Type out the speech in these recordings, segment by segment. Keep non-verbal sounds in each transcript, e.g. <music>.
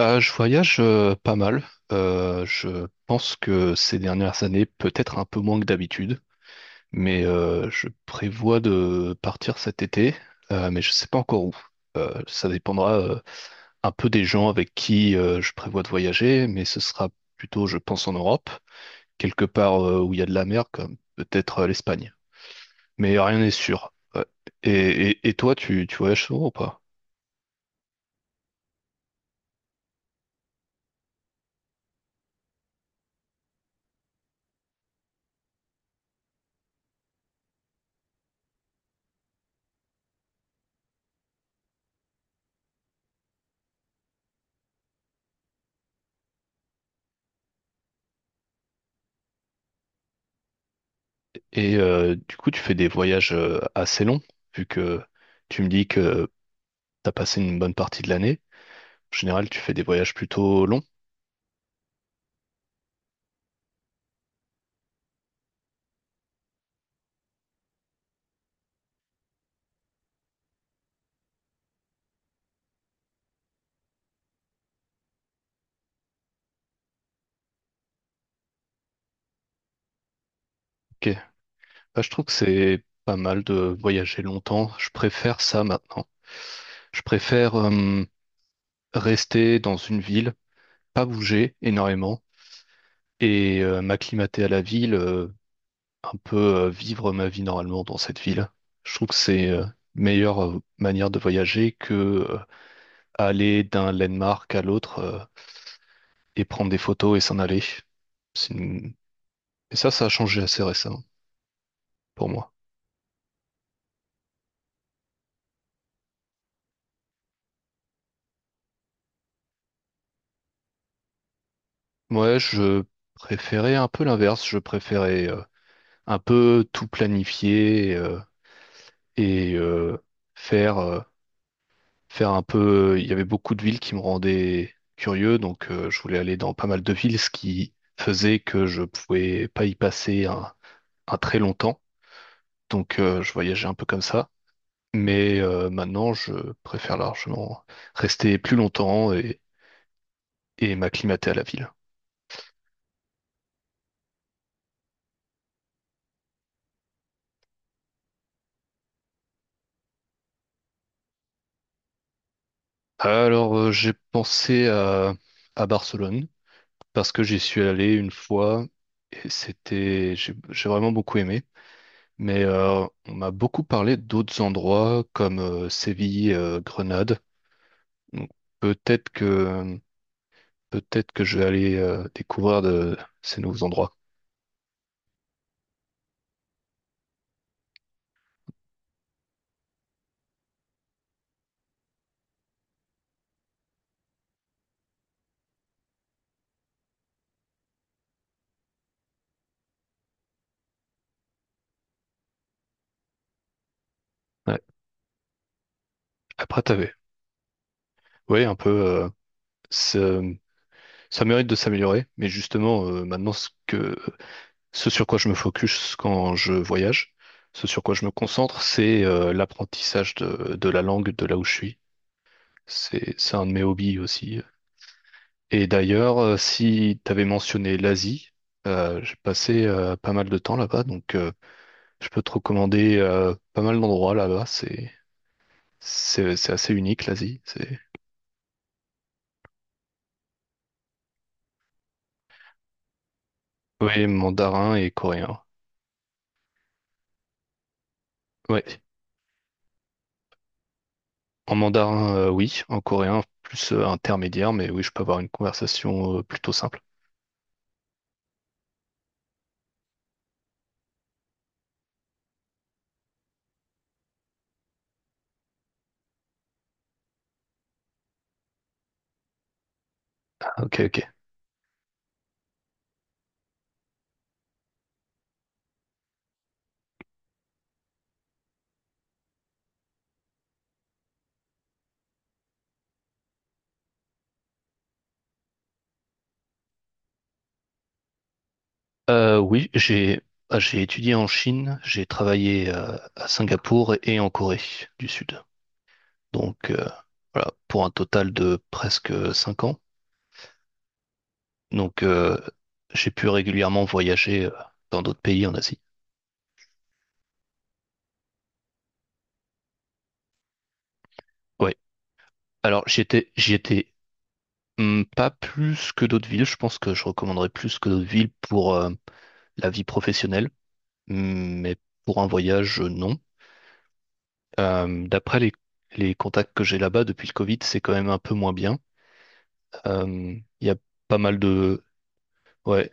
Je voyage pas mal. Je pense que ces dernières années, peut-être un peu moins que d'habitude, mais je prévois de partir cet été, mais je sais pas encore où. Ça dépendra un peu des gens avec qui je prévois de voyager, mais ce sera plutôt, je pense, en Europe, quelque part où il y a de la mer, comme peut-être l'Espagne mais rien n'est sûr. Ouais. Et toi, tu voyages souvent ou pas? Et du coup, tu fais des voyages assez longs, vu que tu me dis que t'as passé une bonne partie de l'année. En général, tu fais des voyages plutôt longs. Bah, je trouve que c'est pas mal de voyager longtemps. Je préfère ça maintenant. Je préfère rester dans une ville, pas bouger énormément et m'acclimater à la ville, un peu vivre ma vie normalement dans cette ville. Je trouve que c'est une meilleure manière de voyager que aller d'un landmark à l'autre et prendre des photos et s'en aller. C'est une- Et ça a changé assez récemment pour moi. Ouais, je préférais un peu l'inverse. Je préférais un peu tout planifier et faire, euh, faire un peu. Il y avait beaucoup de villes qui me rendaient curieux, donc je voulais aller dans pas mal de villes, ce qui faisait que je pouvais pas y passer un très long temps. Donc je voyageais un peu comme ça. Mais maintenant, je préfère largement rester plus longtemps et m'acclimater à la ville. Alors, j'ai pensé à Barcelone parce que j'y suis allé une fois et c'était, j'ai vraiment beaucoup aimé. Mais on m'a beaucoup parlé d'autres endroits comme Séville, Grenade. Donc, peut-être que peut-être que je vais aller découvrir de ces nouveaux endroits. Ouais. Après, t'avais. Oui, un peu. Ce- ça mérite de s'améliorer, mais justement, maintenant, ce sur quoi je me focus quand je voyage, ce sur quoi je me concentre, c'est l'apprentissage de la langue de là où je suis. C'est un de mes hobbies aussi. Et d'ailleurs, si t'avais mentionné l'Asie, j'ai passé pas mal de temps là-bas, donc je peux te recommander pas mal d'endroits là-bas. C'est assez unique, l'Asie. C'est oui, mandarin et coréen. Oui, en mandarin, oui. En coréen, plus intermédiaire, mais oui, je peux avoir une conversation plutôt simple. Ok, ok. Oui, j'ai ah, j'ai étudié en Chine, j'ai travaillé à Singapour et en Corée du Sud. Donc voilà, pour un total de presque 5 ans. Donc j'ai pu régulièrement voyager dans d'autres pays en Asie. Ouais. Alors j'y étais hum, pas plus que d'autres villes. Je pense que je recommanderais plus que d'autres villes pour la vie professionnelle, hum, mais pour un voyage, non. D'après les contacts que j'ai là-bas depuis le Covid, c'est quand même un peu moins bien. Euh, Il y a pas mal de, ouais,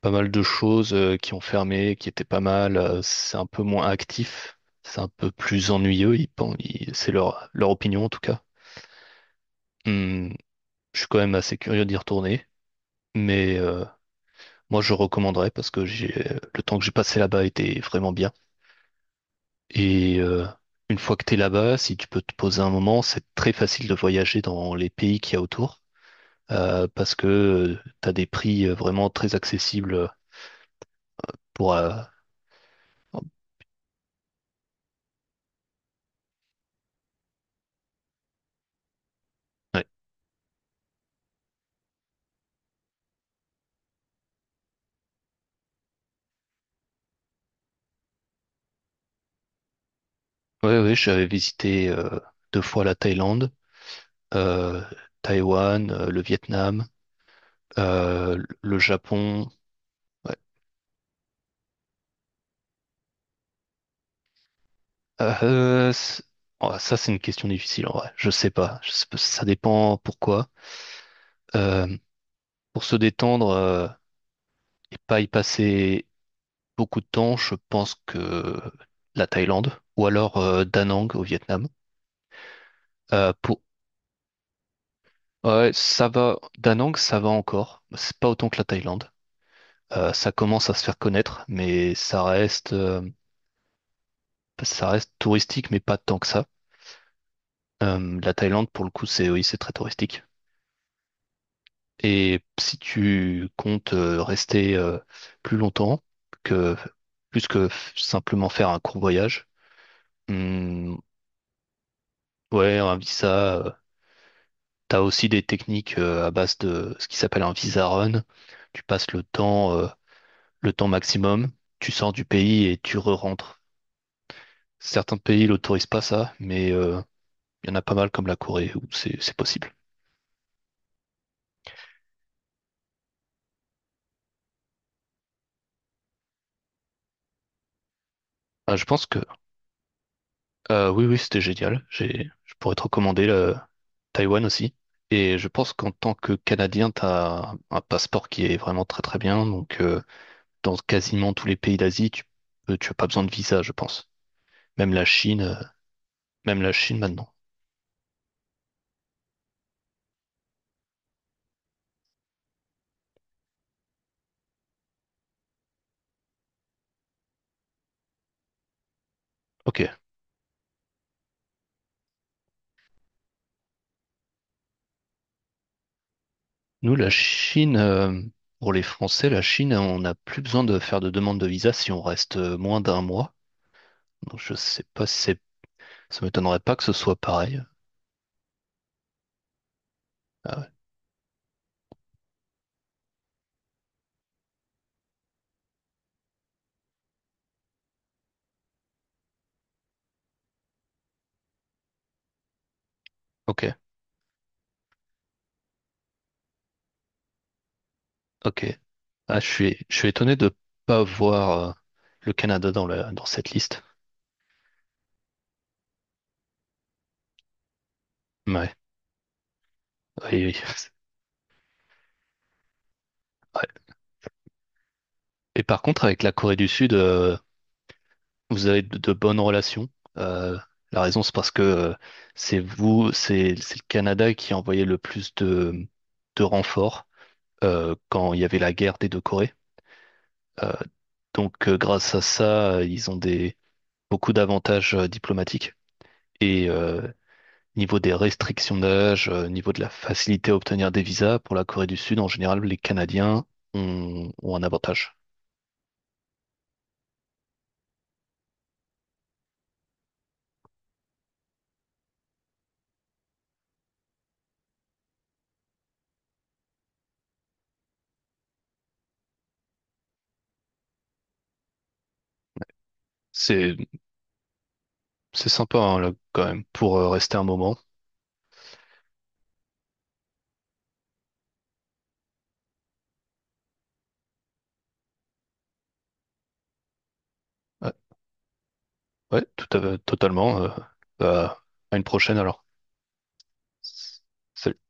pas mal de choses qui ont fermé, qui étaient pas mal. C'est un peu moins actif, c'est un peu plus ennuyeux. Pen- c'est leur opinion en tout cas. Hum, je suis quand même assez curieux d'y retourner, mais moi, je recommanderais parce que j'ai le temps que j'ai passé là-bas était vraiment bien. Et une fois que tu es là-bas, si tu peux te poser un moment, c'est très facile de voyager dans les pays qu'il y a autour parce que tu as des prix vraiment très accessibles pour... Ouais, ouais, j'avais visité 2 fois la Thaïlande, euh, Taïwan, le Vietnam, euh, le Japon. Ouais. C'est- oh, ça, c'est une question difficile en vrai. Je sais pas. Je sais pas, ça dépend pourquoi. Euh, Pour se détendre et pas y passer beaucoup de temps, je pense que la Thaïlande ou alors Da Nang au Vietnam. Pour... Ouais, ça va. Da Nang, ça va encore. C'est pas autant que la Thaïlande. Ça commence à se faire connaître, mais ça reste touristique, mais pas tant que ça. La Thaïlande, pour le coup, c'est oui, c'est très touristique. Et si tu comptes rester plus longtemps que plus que simplement faire un court voyage, hum, ouais, un visa, t'as aussi des techniques à base de ce qui s'appelle un visa run. Tu passes le temps maximum, tu sors du pays et tu re-rentres. Certains pays l'autorisent pas ça, mais il y en a pas mal comme la Corée où c'est possible. Ah, je pense que oui, oui, c'était génial. J'ai, je pourrais te recommander le Taïwan aussi. Et je pense qu'en tant que Canadien, t'as un passeport qui est vraiment très très bien. Donc dans quasiment tous les pays d'Asie, tu, tu as pas besoin de visa, je pense. Même la Chine. Même la Chine maintenant. Ok. Nous, la Chine, pour les Français, la Chine, on n'a plus besoin de faire de demande de visa si on reste moins d'un mois. Donc je sais pas si c'est... Ça m'étonnerait pas que ce soit pareil. Ah ouais. Ok, ok. Ah, je suis étonné de pas voir le Canada dans cette liste. Ouais, oui, oui. <laughs> Ouais. Et par contre, avec la Corée du Sud, vous avez de bonnes relations. Euh, la raison, c'est parce que c'est vous, c'est le Canada qui a envoyé le plus de renforts quand il y avait la guerre des 2 Corées. Euh, donc, grâce à ça, ils ont des beaucoup d'avantages diplomatiques. Et niveau des restrictions d'âge, niveau de la facilité à obtenir des visas pour la Corée du Sud, en général, les Canadiens ont un avantage. C'est sympa hein, là, quand même pour rester un moment. Ouais, ouais, totalement. Bah, à une prochaine alors. Salut.